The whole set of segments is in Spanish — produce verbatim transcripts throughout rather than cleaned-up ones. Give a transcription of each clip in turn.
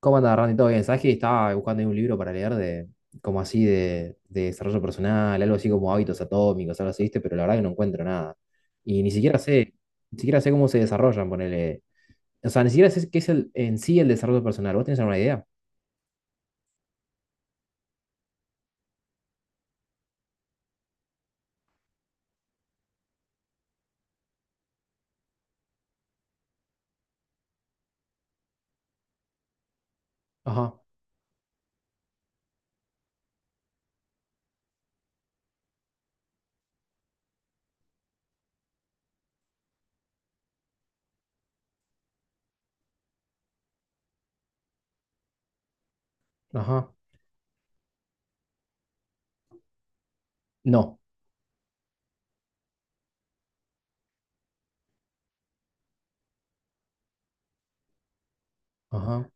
¿Cómo anda, Randy? ¿Todo bien? ¿Sabes que estaba buscando ahí un libro para leer de, como así, de, de desarrollo personal, algo así como hábitos atómicos, algo así, ¿viste? Pero la verdad que no encuentro nada. Y ni siquiera sé, ni siquiera sé cómo se desarrollan, ponele. O sea, ni siquiera sé qué es el, en sí el desarrollo personal. ¿Vos tenés alguna idea? Ajá. Ajá. No. Ajá.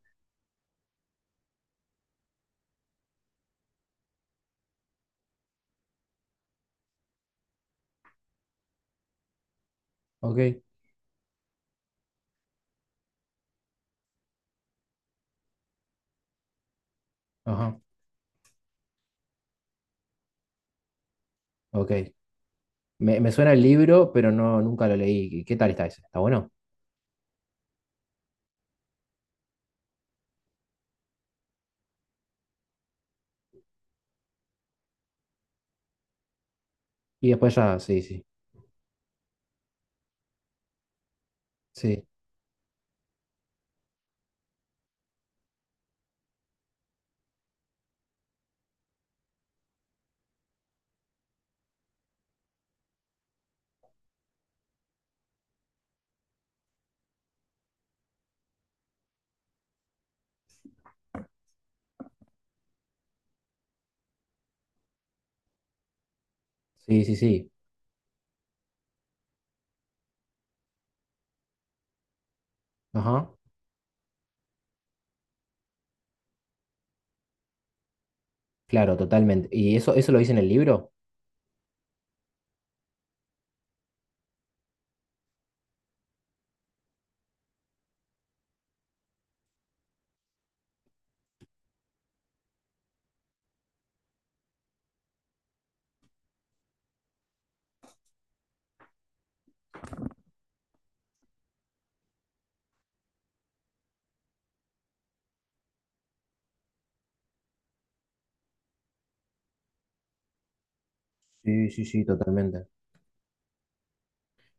Ok. Ajá. Ok. Me, me suena el libro, pero no, nunca lo leí. ¿Qué tal está ese? ¿Está bueno? Y después ya, sí, sí, sí, sí, sí, sí. Ajá, claro, totalmente. ¿Y eso, eso lo dice en el libro? Sí, sí, sí, totalmente.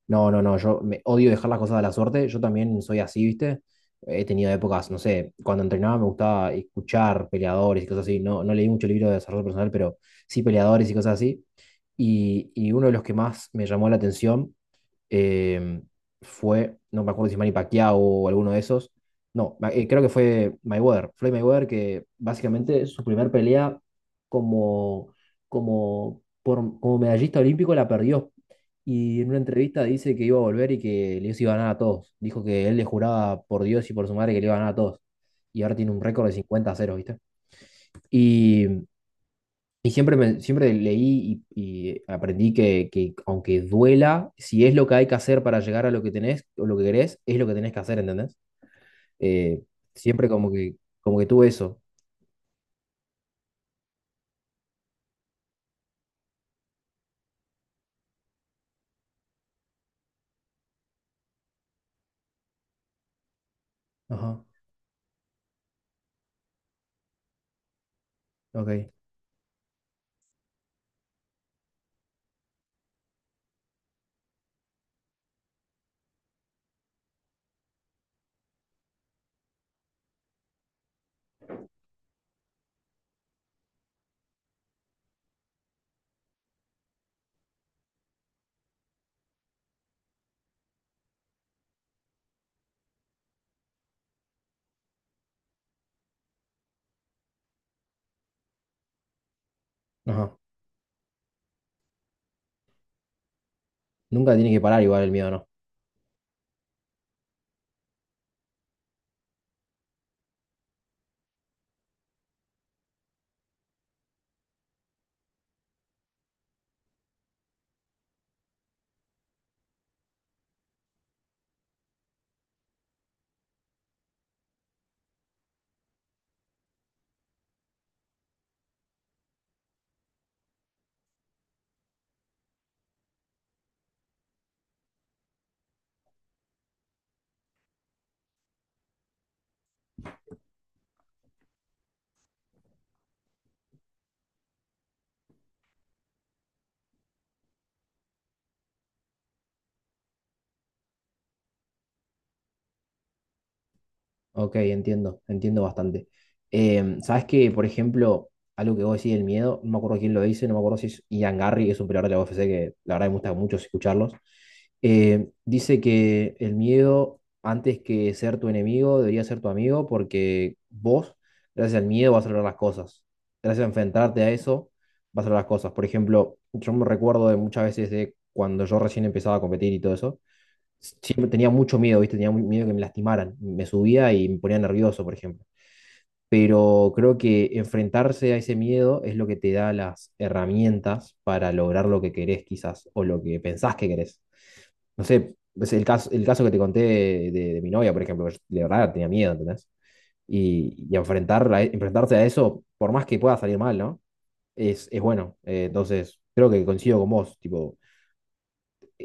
No, no, no, yo me odio dejar las cosas a la suerte. Yo también soy así, ¿viste? He tenido épocas, no sé, cuando entrenaba me gustaba escuchar peleadores y cosas así. No, no leí mucho libro de desarrollo personal, pero sí peleadores y cosas así. Y, y uno de los que más me llamó la atención eh, fue, no me acuerdo si Manny Pacquiao o alguno de esos. No, ma- eh, creo que fue Mayweather, Floyd Mayweather, que básicamente su primer pelea como, como, por, como medallista olímpico la perdió. Y en una entrevista dice que iba a volver y que les iba a ganar a todos. Dijo que él le juraba por Dios y por su madre que le iba a ganar a todos. Y ahora tiene un récord de cincuenta a cero, ¿viste? Y y siempre, me- siempre leí y, y aprendí que, que aunque duela, si es lo que hay que hacer para llegar a lo que tenés o lo que querés, es lo que tenés que hacer, ¿entendés? Eh, Siempre como que, como que tuve eso. Ajá, ok. Ajá. Nunca tiene que parar igual el miedo, ¿no? Ok, entiendo, entiendo bastante. Em, ¿sabes que, Por ejemplo, algo que vos decís del miedo, no me acuerdo quién lo dice, no me acuerdo si es Ian Garry, que es un peleador de la U F C, que la verdad me gusta mucho escucharlos. Eh, dice que el miedo, antes que ser tu enemigo, debería ser tu amigo, porque vos, gracias al miedo, vas a lograr las cosas. Gracias a enfrentarte a eso, vas a lograr las cosas. Por ejemplo, yo me recuerdo de muchas veces de cuando yo recién empezaba a competir y todo eso siempre tenía mucho miedo, ¿viste? Tenía muy miedo que me lastimaran. Me subía y me ponía nervioso, por ejemplo. Pero creo que enfrentarse a ese miedo es lo que te da las herramientas para lograr lo que querés, quizás, o lo que pensás que querés. No sé, es el caso, el caso que te conté de, de- de mi novia, por ejemplo, que yo de verdad tenía miedo, ¿entendés? Y, y enfrentarla, enfrentarse a eso, por más que pueda salir mal, ¿no? Es, es bueno. Eh, entonces, creo que coincido con vos, tipo.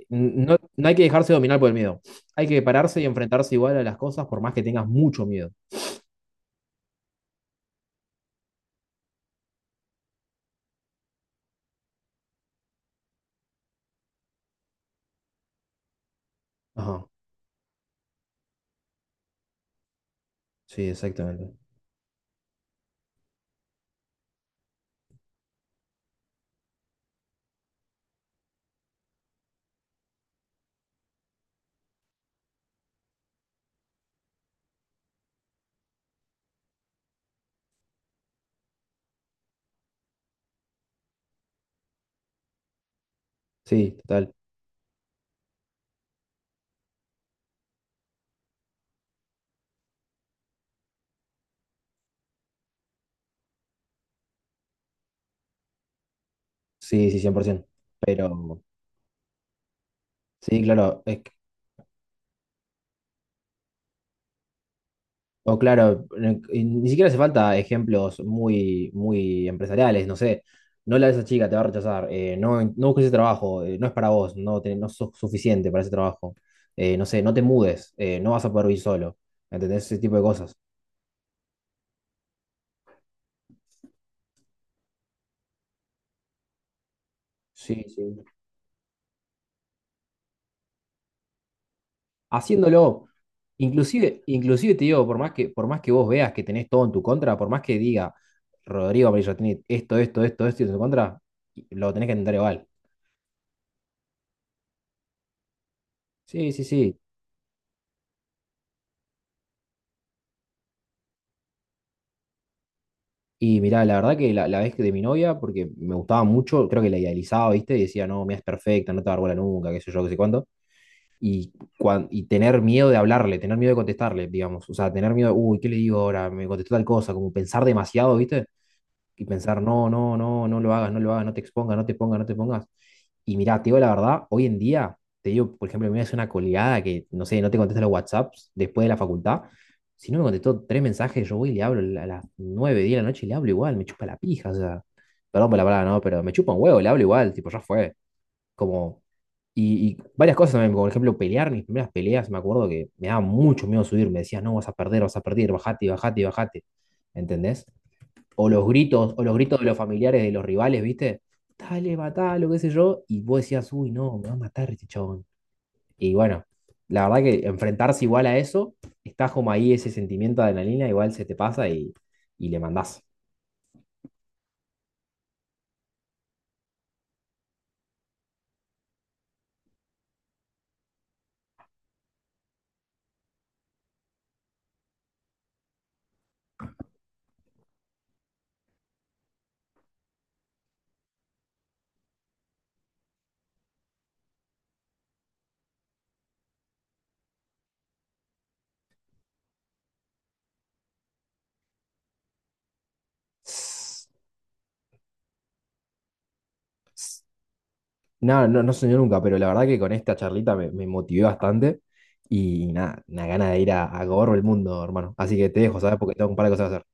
No, no hay que dejarse dominar por el miedo. Hay que pararse y enfrentarse igual a las cosas por más que tengas mucho miedo. Ajá, sí, exactamente. Sí, total. Sí, sí, cien por ciento. Pero, sí, claro. Es que- o claro, eh, y ni siquiera hace falta ejemplos muy, muy empresariales. No sé, no la de esa chica, te va a rechazar. Eh, no, no busques ese trabajo, eh, no es para vos, no, te- no sos suficiente para ese trabajo. Eh, no sé, no te mudes, eh, no vas a poder vivir solo. ¿Entendés? Ese tipo de cosas. Sí, sí. Haciéndolo. Inclusive, inclusive te digo, por más que, por más que vos veas que tenés todo en tu contra, por más que diga Rodrigo Amarillo tiene esto, esto, esto, esto en su contra, lo tenés que intentar igual. Sí, sí, sí. Y mirá, la verdad que la, la vez que de mi novia, porque me gustaba mucho, creo que la idealizaba, ¿viste? Y decía, no, mira, es perfecta, no te va a dar bola nunca, qué sé yo, qué sé cuánto. Y, cuan- y tener miedo de hablarle, tener miedo de contestarle, digamos. O sea, tener miedo, uy, ¿qué le digo ahora? Me contestó tal cosa, como pensar demasiado, ¿viste? Y pensar, no, no, no, no lo hagas, no lo hagas, no te expongas, no te pongas, no te pongas. Y mira, te digo la verdad, hoy en día, te digo, por ejemplo, me hace una coleada que, no sé, no te contesta los WhatsApps después de la facultad. Si no me contestó tres mensajes, yo voy y le hablo a las nueve, diez de la noche y le hablo igual, me chupa la pija, o sea, perdón por la palabra, no, pero me chupa un huevo, le hablo igual, tipo, ya fue. Como, y, y varias cosas también, como por ejemplo, pelear, mis primeras peleas, me acuerdo que me daba mucho miedo subir, me decías, no, vas a perder, vas a perder, bajate, bajate, bajate, ¿entendés? O los gritos, o los gritos de los familiares de los rivales, ¿viste? Dale, matalo, qué sé yo, y vos decías, uy, no, me va a matar este chabón. Y bueno, la verdad que enfrentarse igual a eso, está como ahí ese sentimiento de adrenalina, igual se te pasa y, y le mandás. Nada, no, no soñé nunca, pero la verdad que con esta charlita me, me motivé bastante y nada, una gana de ir a, a gobernar el mundo, hermano. Así que te dejo, ¿sabes? Porque tengo un par de cosas que hacer.